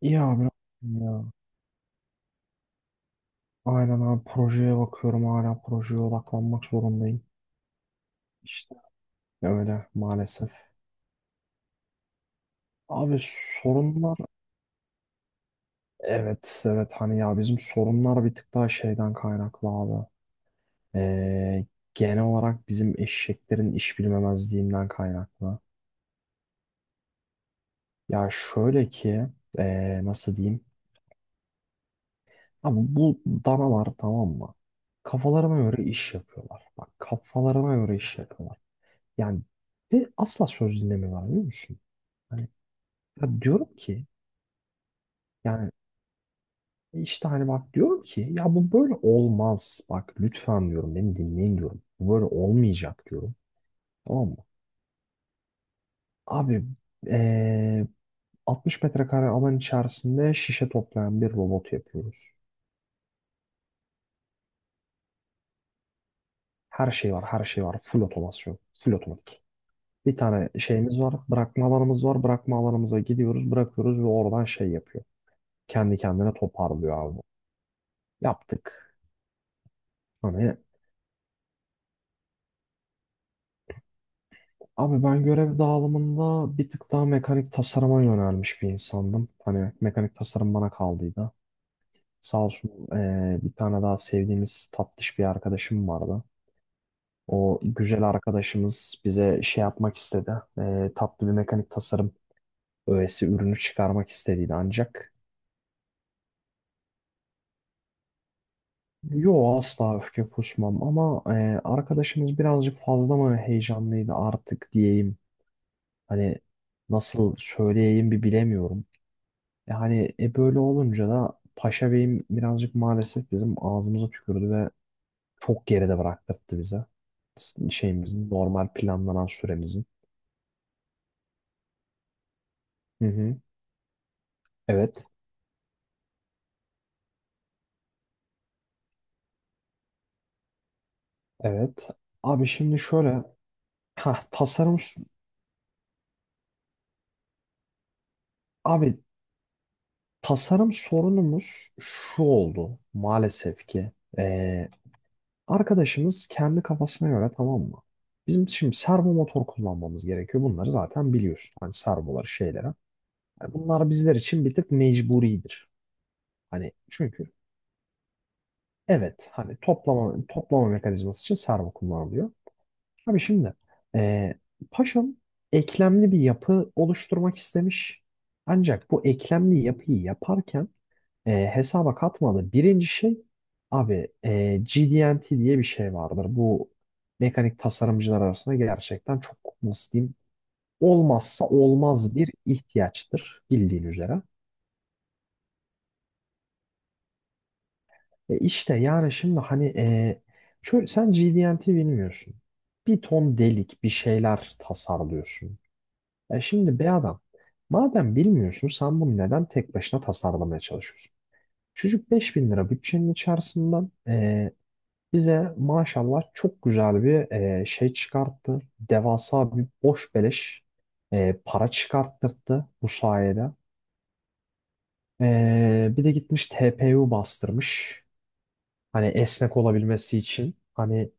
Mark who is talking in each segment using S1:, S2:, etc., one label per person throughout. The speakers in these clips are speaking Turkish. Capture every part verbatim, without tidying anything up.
S1: İyi abi. Ya. Aynen abi projeye bakıyorum. Hala projeye odaklanmak zorundayım. İşte öyle maalesef. Abi sorunlar evet evet hani ya bizim sorunlar bir tık daha şeyden kaynaklı abi. Ee, Genel olarak bizim eşeklerin iş bilmemezliğinden kaynaklı. Ya şöyle ki ee, nasıl diyeyim? Abi bu danalar tamam mı? Kafalarına göre iş yapıyorlar. Bak kafalarına göre iş yapıyorlar. Yani ve asla söz dinlemiyorlar, biliyor musun? Hani, ya diyorum ki, yani e, işte hani bak diyorum ki ya bu böyle olmaz. Bak lütfen diyorum, beni dinleyin diyorum. Bu böyle olmayacak diyorum. Tamam mı? Abi eee altmış metrekare alan içerisinde şişe toplayan bir robot yapıyoruz. Her şey var, her şey var. Full otomasyon, full otomatik. Bir tane şeyimiz var, bırakma alanımız var. Bırakma alanımıza gidiyoruz, bırakıyoruz ve oradan şey yapıyor. Kendi kendine toparlıyor abi. Yaptık. Hani. Abi ben görev dağılımında bir tık daha mekanik tasarıma yönelmiş bir insandım. Hani mekanik tasarım bana kaldıydı. Sağ olsun eee, bir tane daha sevdiğimiz tatlış bir arkadaşım vardı. O güzel arkadaşımız bize şey yapmak istedi. Eee, tatlı bir mekanik tasarım öğesi, ürünü çıkarmak istediydi ancak. Yo, asla öfke kusmam ama eee, arkadaşımız birazcık fazla mı heyecanlıydı artık diyeyim. Hani nasıl söyleyeyim bir bilemiyorum. E hani e böyle olunca da Paşa Bey'im birazcık maalesef bizim ağzımıza tükürdü ve çok geride bıraktırdı bize. S- Şeyimizin, normal planlanan süremizin. Hı hı. Evet, evet. Abi şimdi şöyle, ha tasarım, abi tasarım sorunumuz şu oldu maalesef ki. Ee, Arkadaşımız kendi kafasına göre, tamam mı? Bizim şimdi servo motor kullanmamız gerekiyor. Bunları zaten biliyorsun. Hani servoları şeylere. Yani bunlar bizler için bir tık mecburidir. Hani çünkü evet hani toplama toplama mekanizması için servo kullanılıyor. Abi şimdi e, Paşam eklemli bir yapı oluşturmak istemiş. Ancak bu eklemli yapıyı yaparken e, hesaba katmadığı birinci şey, abi e, G D ve T diye bir şey vardır. Bu mekanik tasarımcılar arasında gerçekten çok, nasıl diyeyim, olmazsa olmaz bir ihtiyaçtır bildiğin üzere. E işte yani şimdi hani e, şöyle, sen G D N T bilmiyorsun. Bir ton delik bir şeyler tasarlıyorsun. E şimdi be adam, madem bilmiyorsun sen bunu neden tek başına tasarlamaya çalışıyorsun? Çocuk beş bin lira bütçenin içerisinden e, bize maşallah çok güzel bir e, şey çıkarttı. Devasa bir boş beleş e, para çıkarttırdı bu sayede. E, bir de gitmiş T P U bastırmış. Hani esnek olabilmesi için. Hani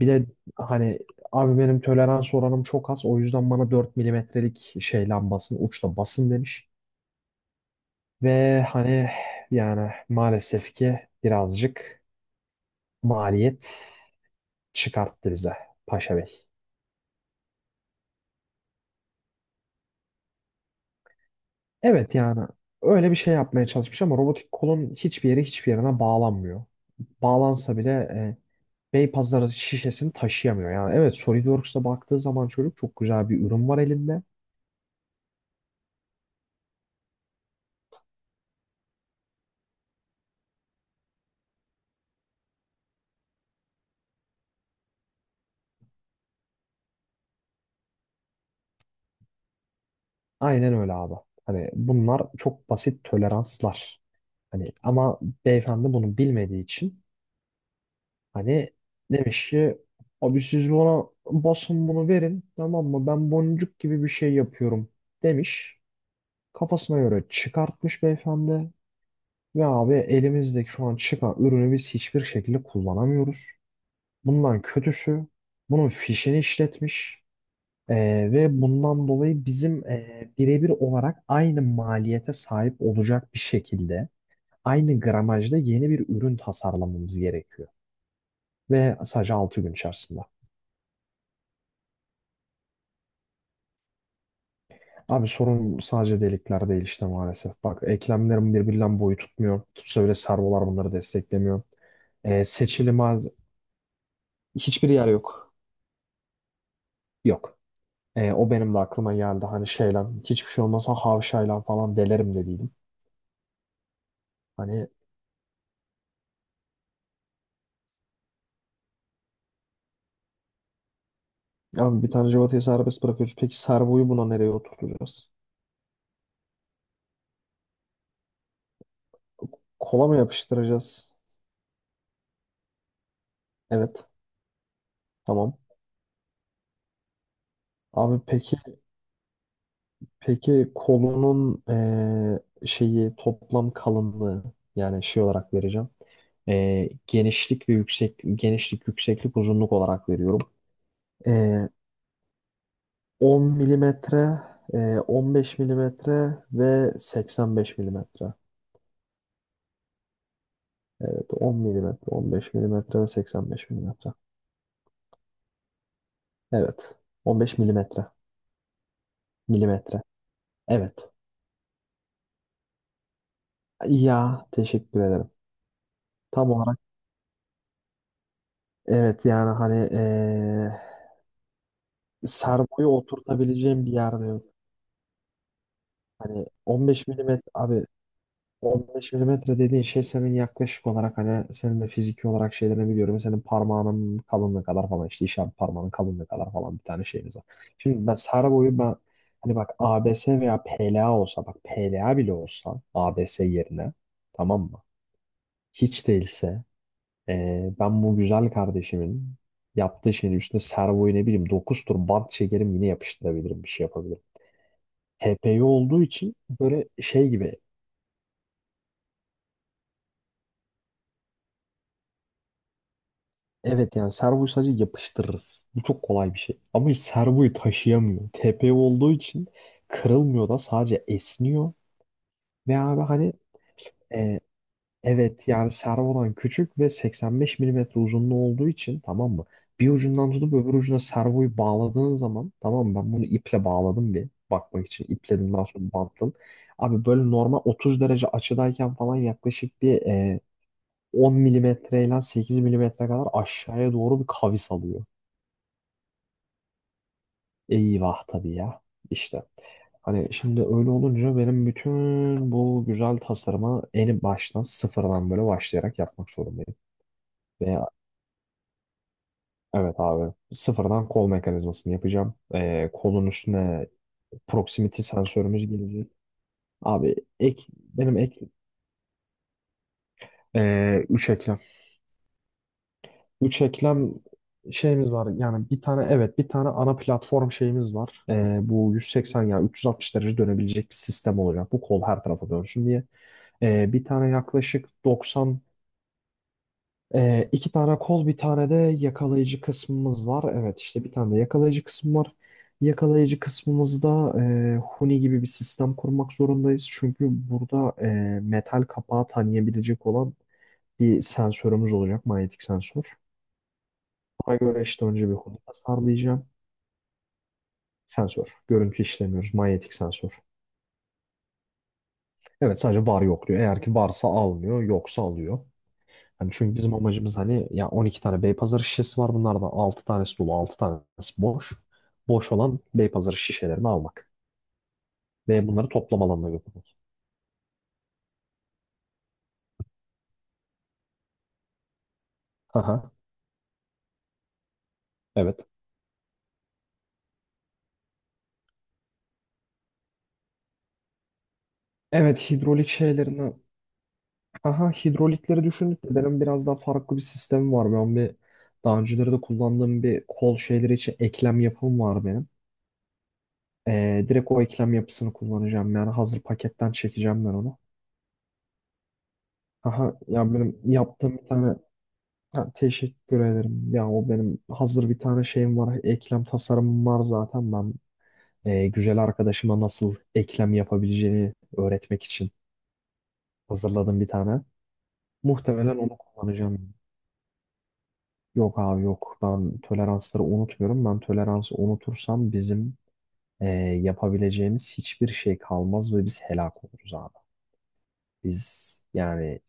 S1: bir de hani abi benim tolerans oranım çok az. O yüzden bana dört milimetrelik şey lambasını uçla basın demiş. Ve hani yani maalesef ki birazcık maliyet çıkarttı bize Paşa Bey. Evet yani öyle bir şey yapmaya çalışmış ama robotik kolun hiçbir yeri hiçbir yerine bağlanmıyor. Bağlansa bile e, Beypazarı şişesini taşıyamıyor. Yani evet, SolidWorks'a baktığı zaman çocuk çok güzel bir ürün var elinde. Aynen öyle abi. Hani bunlar çok basit toleranslar. Hani ama beyefendi bunu bilmediği için hani demiş ki abi siz bana basın bunu verin, tamam mı? Ben boncuk gibi bir şey yapıyorum demiş. Kafasına göre çıkartmış beyefendi. Ve abi elimizdeki şu an çıkan ürünü biz hiçbir şekilde kullanamıyoruz. Bundan kötüsü bunun fişini işletmiş. Ee, Ve bundan dolayı bizim e, birebir olarak aynı maliyete sahip olacak bir şekilde, aynı gramajda yeni bir ürün tasarlamamız gerekiyor. Ve sadece altı gün içerisinde. Abi sorun sadece delikler değil işte maalesef. Bak eklemlerim birbirinden boyu tutmuyor. Tutsa bile servolar bunları desteklemiyor. Ee, seçili mal- hiçbir yer yok. Yok. Ee, o benim de aklıma geldi. Hani şeyle, hiçbir şey olmasa havşayla falan delerim dediydim. Hani. Abi bir tane Cevata'yı serbest bırakıyoruz. Peki Servo'yu buna nereye oturtacağız? Kola mı yapıştıracağız? Evet. Tamam. Abi peki, peki kolunun eee, şeyi, toplam kalınlığı, yani şey olarak vereceğim. Eee, genişlik ve yüksek genişlik, yükseklik, uzunluk olarak veriyorum. Eee, on milimetre, eee, on beş milimetre ve seksen beş milimetre. Evet, on milimetre, on beş milimetre ve seksen beş milimetre. Evet, on beş milimetre milimetre. Evet. Ya teşekkür ederim. Tam olarak, evet yani hani eee servoyu oturtabileceğim bir yerde yok. Hani on beş milimetre abi, on beş milimetre dediğin şey senin yaklaşık olarak, hani senin de fiziki olarak şeylerini biliyorum. Senin parmağının kalınlığı kadar falan, işte işaret parmağının kalınlığı kadar falan bir tane şeyimiz var. Şimdi ben servoyu ben hani bak, A B S veya PLA olsa, bak PLA bile olsa A B S yerine, tamam mı? Hiç değilse Ee, ben bu güzel kardeşimin yaptığı şeyin üstüne servoyu ne bileyim dokuz tur bant çekerim, yine yapıştırabilirim, bir şey yapabilirim. T P U olduğu için böyle şey gibi, evet yani servoyu sadece yapıştırırız. Bu çok kolay bir şey. Ama hiç servoyu taşıyamıyor. T P U olduğu için kırılmıyor da sadece esniyor. Ve abi hani. Evet yani servodan küçük ve seksen beş milimetre uzunluğu olduğu için, tamam mı? Bir ucundan tutup öbür ucuna servoyu bağladığın zaman, tamam mı? Ben bunu iple bağladım, bir bakmak için ipledim, daha sonra bantladım. Abi böyle normal otuz derece açıdayken falan yaklaşık bir e, on milimetreyle sekiz milimetre kadar aşağıya doğru bir kavis alıyor. Eyvah tabii ya, işte. Hani şimdi öyle olunca benim bütün bu güzel tasarımı en baştan sıfırdan böyle başlayarak yapmak zorundayım. Ve evet abi. Sıfırdan kol mekanizmasını yapacağım. Ee, kolun üstüne proximity sensörümüz gelecek. Abi ek, benim ek, ee, üç eklem. Üç eklem şeyimiz var. Yani bir tane, evet, bir tane ana platform şeyimiz var. Ee, bu yüz seksen, yani üç yüz altmış derece dönebilecek bir sistem olacak. Bu kol her tarafa dönsün diye. Ee, bir tane yaklaşık doksan. Ee, iki tane kol, bir tane de yakalayıcı kısmımız var. Evet işte bir tane de yakalayıcı kısmı var. Yakalayıcı kısmımızda e, huni gibi bir sistem kurmak zorundayız. Çünkü burada e, metal kapağı tanıyabilecek olan bir sensörümüz olacak. Manyetik sensör. Buna göre işte önce bir huni tasarlayacağım. Sensör. Görüntü işlemiyoruz. Manyetik sensör. Evet, sadece var yok diyor. Eğer ki varsa almıyor, yoksa alıyor. Hani çünkü bizim amacımız, hani ya on iki tane Beypazarı şişesi var. Bunlardan altı tanesi dolu, altı tanesi boş. Boş olan Beypazarı şişelerini almak ve bunları toplam alanına götürmek. Aha, evet. Evet, hidrolik şeylerini, aha hidrolikleri düşündük de benim biraz daha farklı bir sistemim var. Ben bir Daha önceleri de kullandığım bir kol şeyleri için eklem yapım var benim. Ee, direkt o eklem yapısını kullanacağım, yani hazır paketten çekeceğim ben onu. Aha ya, benim yaptığım bir tane. Ha, teşekkür ederim. Ya o benim hazır bir tane şeyim var. Eklem tasarımım var zaten. Ben e, güzel arkadaşıma nasıl eklem yapabileceğini öğretmek için hazırladım bir tane. Muhtemelen onu kullanacağım. Yok abi yok. Ben toleransları unutmuyorum. Ben toleransı unutursam bizim e, yapabileceğimiz hiçbir şey kalmaz ve biz helak oluruz abi. Biz yani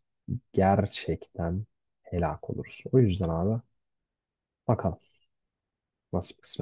S1: gerçekten helak oluruz. O yüzden abi, bakalım nasıl kısmet.